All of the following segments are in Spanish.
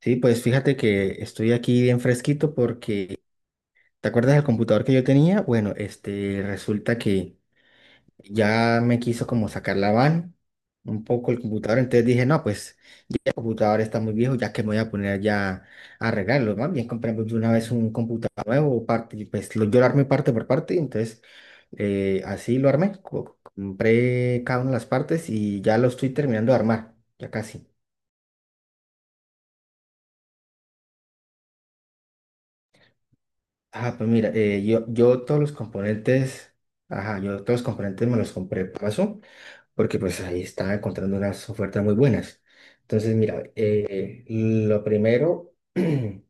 Sí, pues fíjate que estoy aquí bien fresquito porque, ¿te acuerdas del computador que yo tenía? Bueno, este, resulta que ya me quiso como sacar la van un poco el computador, entonces dije, no, pues el computador está muy viejo, ya que me voy a poner ya a arreglarlo, más bien compramos de una vez un computador nuevo, parte, y pues lo, yo lo armé parte por parte, entonces así lo armé, compré cada una de las partes y ya lo estoy terminando de armar, ya casi. Ah, pues mira, yo todos los componentes, ajá, yo todos los componentes me los compré paso, porque pues ahí estaba encontrando unas ofertas muy buenas. Entonces, mira, lo primero, que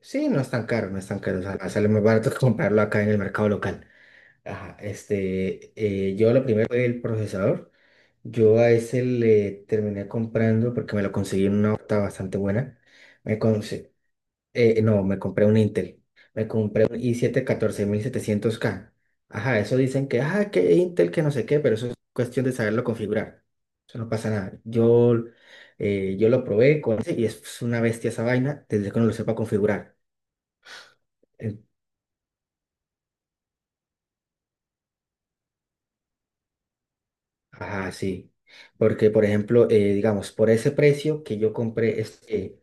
sí, no es tan caro, no es tan caro, o sea, sale más barato que comprarlo acá en el mercado local. Ajá, yo lo primero fue el procesador. Yo a ese le terminé comprando porque me lo conseguí en una oferta bastante buena. Me, conse- no, me compré un Intel. Me compré un i7-14700K. Ajá, eso dicen que, que Intel, que no sé qué, pero eso es cuestión de saberlo configurar. Eso no pasa nada. Yo lo probé con ese y es una bestia esa vaina desde que uno lo sepa configurar. En- Ajá, sí. Porque, por ejemplo, digamos, por ese precio que yo compré este,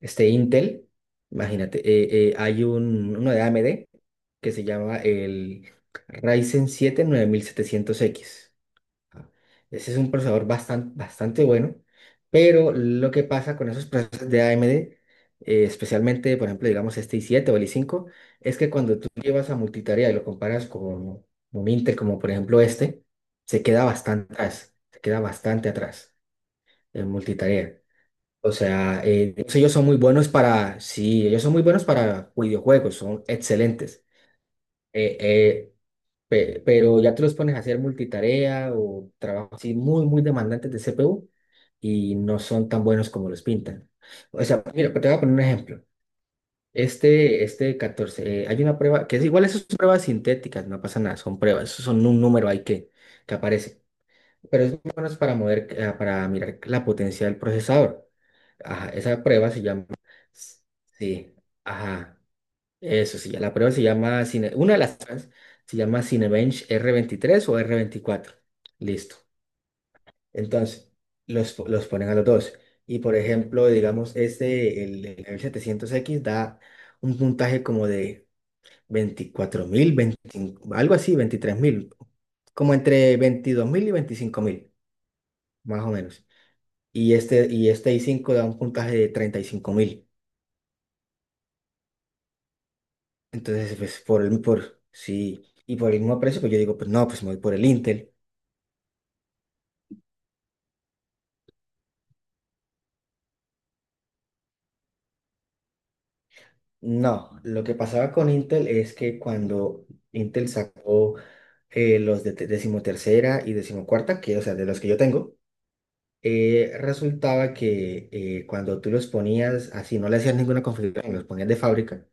este Intel, imagínate, hay uno de AMD que se llama el Ryzen 7 9700X. Ajá. Ese es un procesador bastante, bastante bueno, pero lo que pasa con esos procesadores de AMD, especialmente, por ejemplo, digamos este i7 o el i5, es que cuando tú llevas a multitarea y lo comparas con un Intel como por ejemplo este, se queda bastante atrás, se queda bastante atrás en multitarea. O sea, ellos son muy buenos para, sí, ellos son muy buenos para videojuegos, son excelentes. Eh, eh, pero ya te los pones a hacer multitarea o trabajos así muy, muy demandantes de CPU y no son tan buenos como los pintan. O sea, mira, te voy a poner un ejemplo. Este 14, hay una prueba que es igual, esas son pruebas sintéticas, no pasa nada, son pruebas, eso son un número ahí que aparece pero es más o menos para mirar la potencia del procesador. Ajá, esa prueba se llama... Sí, ajá, eso sí, la prueba se llama... una de las pruebas se llama Cinebench R23 o R24. Listo. Entonces, los ponen a los dos. Y por ejemplo, digamos, el R700X da un puntaje como de 24.000 25 algo así, 23.000, como entre 22.000 y 25.000 más o menos, y este, i5 da un puntaje de 35.000. Entonces, pues por el, por, sí, y por el mismo precio, pues yo digo, pues no, pues me voy por el Intel. No, lo que pasaba con Intel es que cuando Intel sacó los de decimotercera y decimocuarta, que, o sea, de los que yo tengo, resultaba que cuando tú los ponías así, no le hacías ninguna configuración, los ponías de fábrica,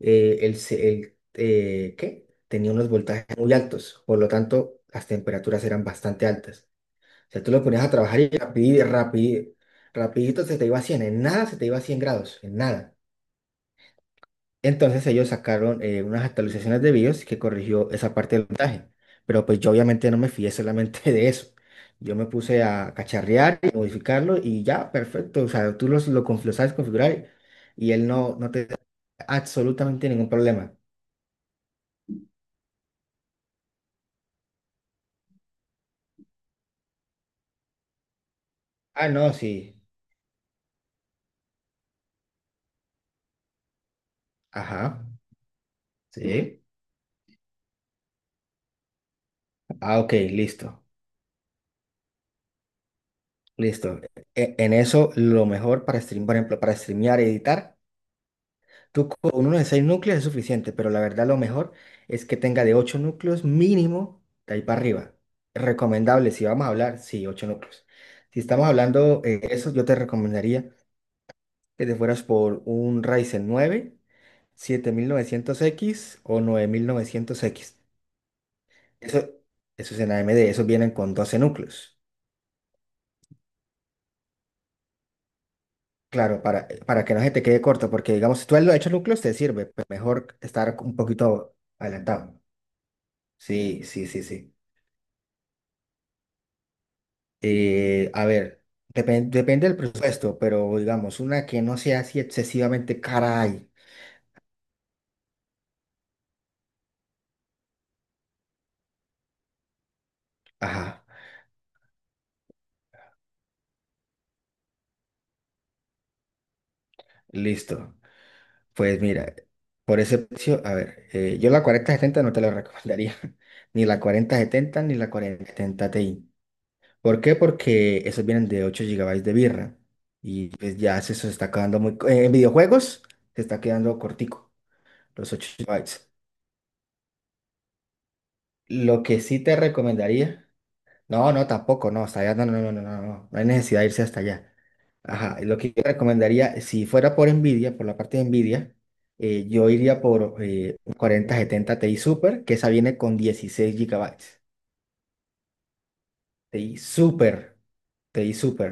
el, se- el, ¿qué? Tenía unos voltajes muy altos, por lo tanto, las temperaturas eran bastante altas. O sea, tú lo ponías a trabajar y rapidito, rapidito, rapidito se te iba a 100, en nada se te iba a 100 grados, en nada. Entonces ellos sacaron unas actualizaciones de BIOS que corrigió esa parte del voltaje. Pero pues yo obviamente no me fié solamente de eso. Yo me puse a cacharrear y modificarlo y ya, perfecto. O sea, tú lo sabes configurar y él no te da absolutamente ningún problema. Ah, no, sí. Ajá, sí. Ah, ok, listo, listo. En eso, lo mejor para stream, por ejemplo, para streamear y editar, tú con uno de 6 núcleos es suficiente, pero la verdad lo mejor es que tenga de 8 núcleos mínimo de ahí para arriba. Recomendable, si vamos a hablar, sí, 8 núcleos. Si estamos hablando de eso, yo te recomendaría que te fueras por un Ryzen 9 7900X o 9900X. Eso, eso es en AMD, esos vienen con 12 núcleos. Claro, para que no se te quede corto, porque digamos, si tú lo has hecho núcleos, te sirve, pero mejor estar un poquito adelantado. Sí, sí, sí, sí. A ver, depende del presupuesto, pero digamos, una que no sea así excesivamente caray. Ajá, listo. Pues mira, por ese precio, a ver, yo la 4070 no te la recomendaría, ni la 4070 ni la 4070 Ti. ¿Por qué? Porque esos vienen de 8 GB de birra. Y pues ya eso se está quedando muy... En videojuegos se está quedando cortico, los 8 GB. Lo que sí te recomendaría... No, no, tampoco, no, hasta allá, no, no, no, no, no, no, no hay necesidad de irse hasta allá. Ajá, y lo que yo recomendaría, si fuera por Nvidia, por la parte de Nvidia, yo iría por un 4070 Ti Super, que esa viene con 16 GB. Ti Super, Ti Super,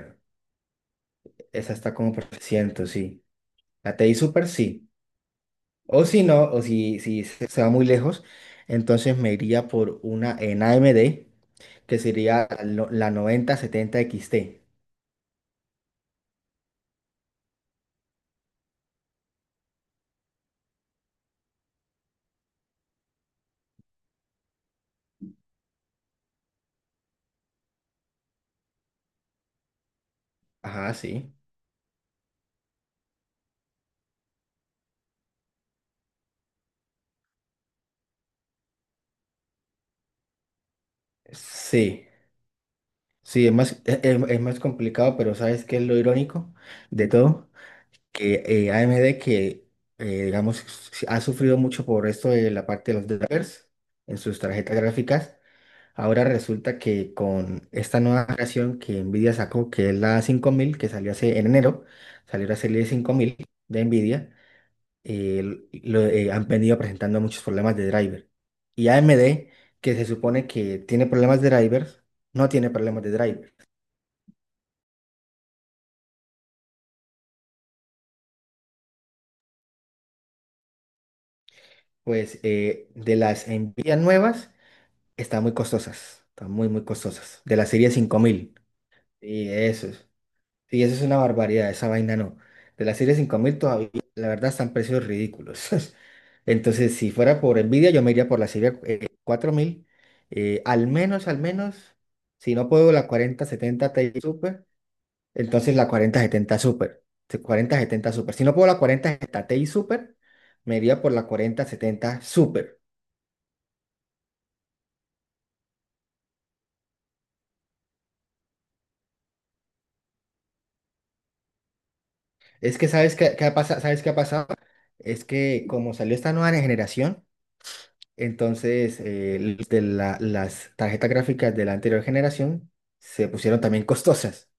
esa está como por ciento sí. La Ti Super sí. O si no, o si se va muy lejos, entonces me iría por una en AMD que sería la 9070 XT. Ajá, sí. Sí, sí, es más, es, es más complicado, pero ¿sabes qué es lo irónico de todo? Que AMD que digamos, ha sufrido mucho por esto de la parte de los drivers en sus tarjetas gráficas. Ahora resulta que con esta nueva generación que Nvidia sacó, que es la 5000, que salió hace en enero, salió la serie 5000 de Nvidia, eh, han venido presentando muchos problemas de driver. Y AMD, que se supone que tiene problemas de drivers, no tiene problemas de driver. Pues de las Nvidia nuevas, están muy costosas, están muy, muy costosas. De la serie 5000. Y eso es. Sí, eso es una barbaridad, esa vaina no. De la serie 5000 todavía, la verdad, están precios ridículos. Entonces, si fuera por Nvidia, yo me iría por la serie 4000. Al menos, al menos, si no puedo la 4070 Ti Super, entonces la 4070 Super. Sí, 4070 Super. Si no puedo la 4070 Ti Super, me iría por la 4070 Super. Es que, ¿sabes qué, qué ¿sabes qué ha pasado? Es que como salió esta nueva generación, entonces, las tarjetas gráficas de la anterior generación se pusieron también costosas.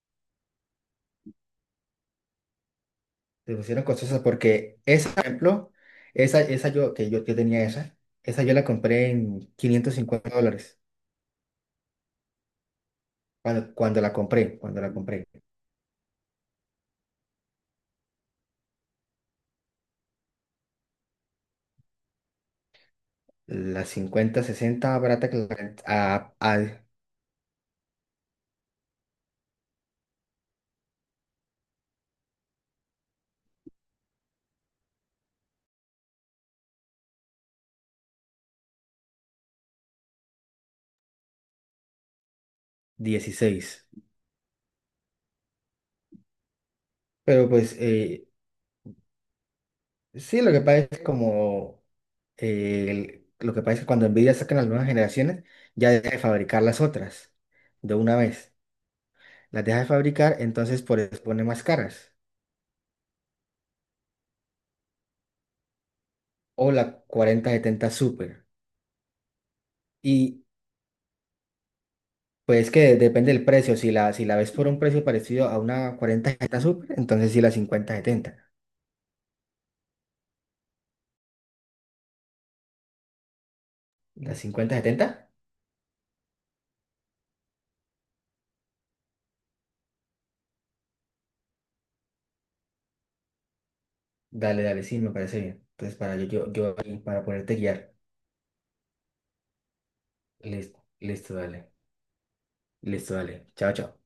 Se pusieron costosas porque esa, por ejemplo, esa yo, que yo tenía esa, esa yo la compré en $550. Cuando la compré, cuando la compré. La 5060 barata que a 16. Pero pues sí, lo que pasa es como lo que pasa es que cuando Nvidia saca las nuevas generaciones, ya deja de fabricar las otras de una vez. Las deja de fabricar, entonces por eso pone más caras. O la 4070 Super. Y pues que depende del precio. Si la ves por un precio parecido a una 4070 Super, entonces sí la 5070. ¿La 5070? Dale, dale, sí, me parece bien. Entonces para yo ahí, para poderte guiar. Listo, listo, dale. Listo, dale. Chao, chao.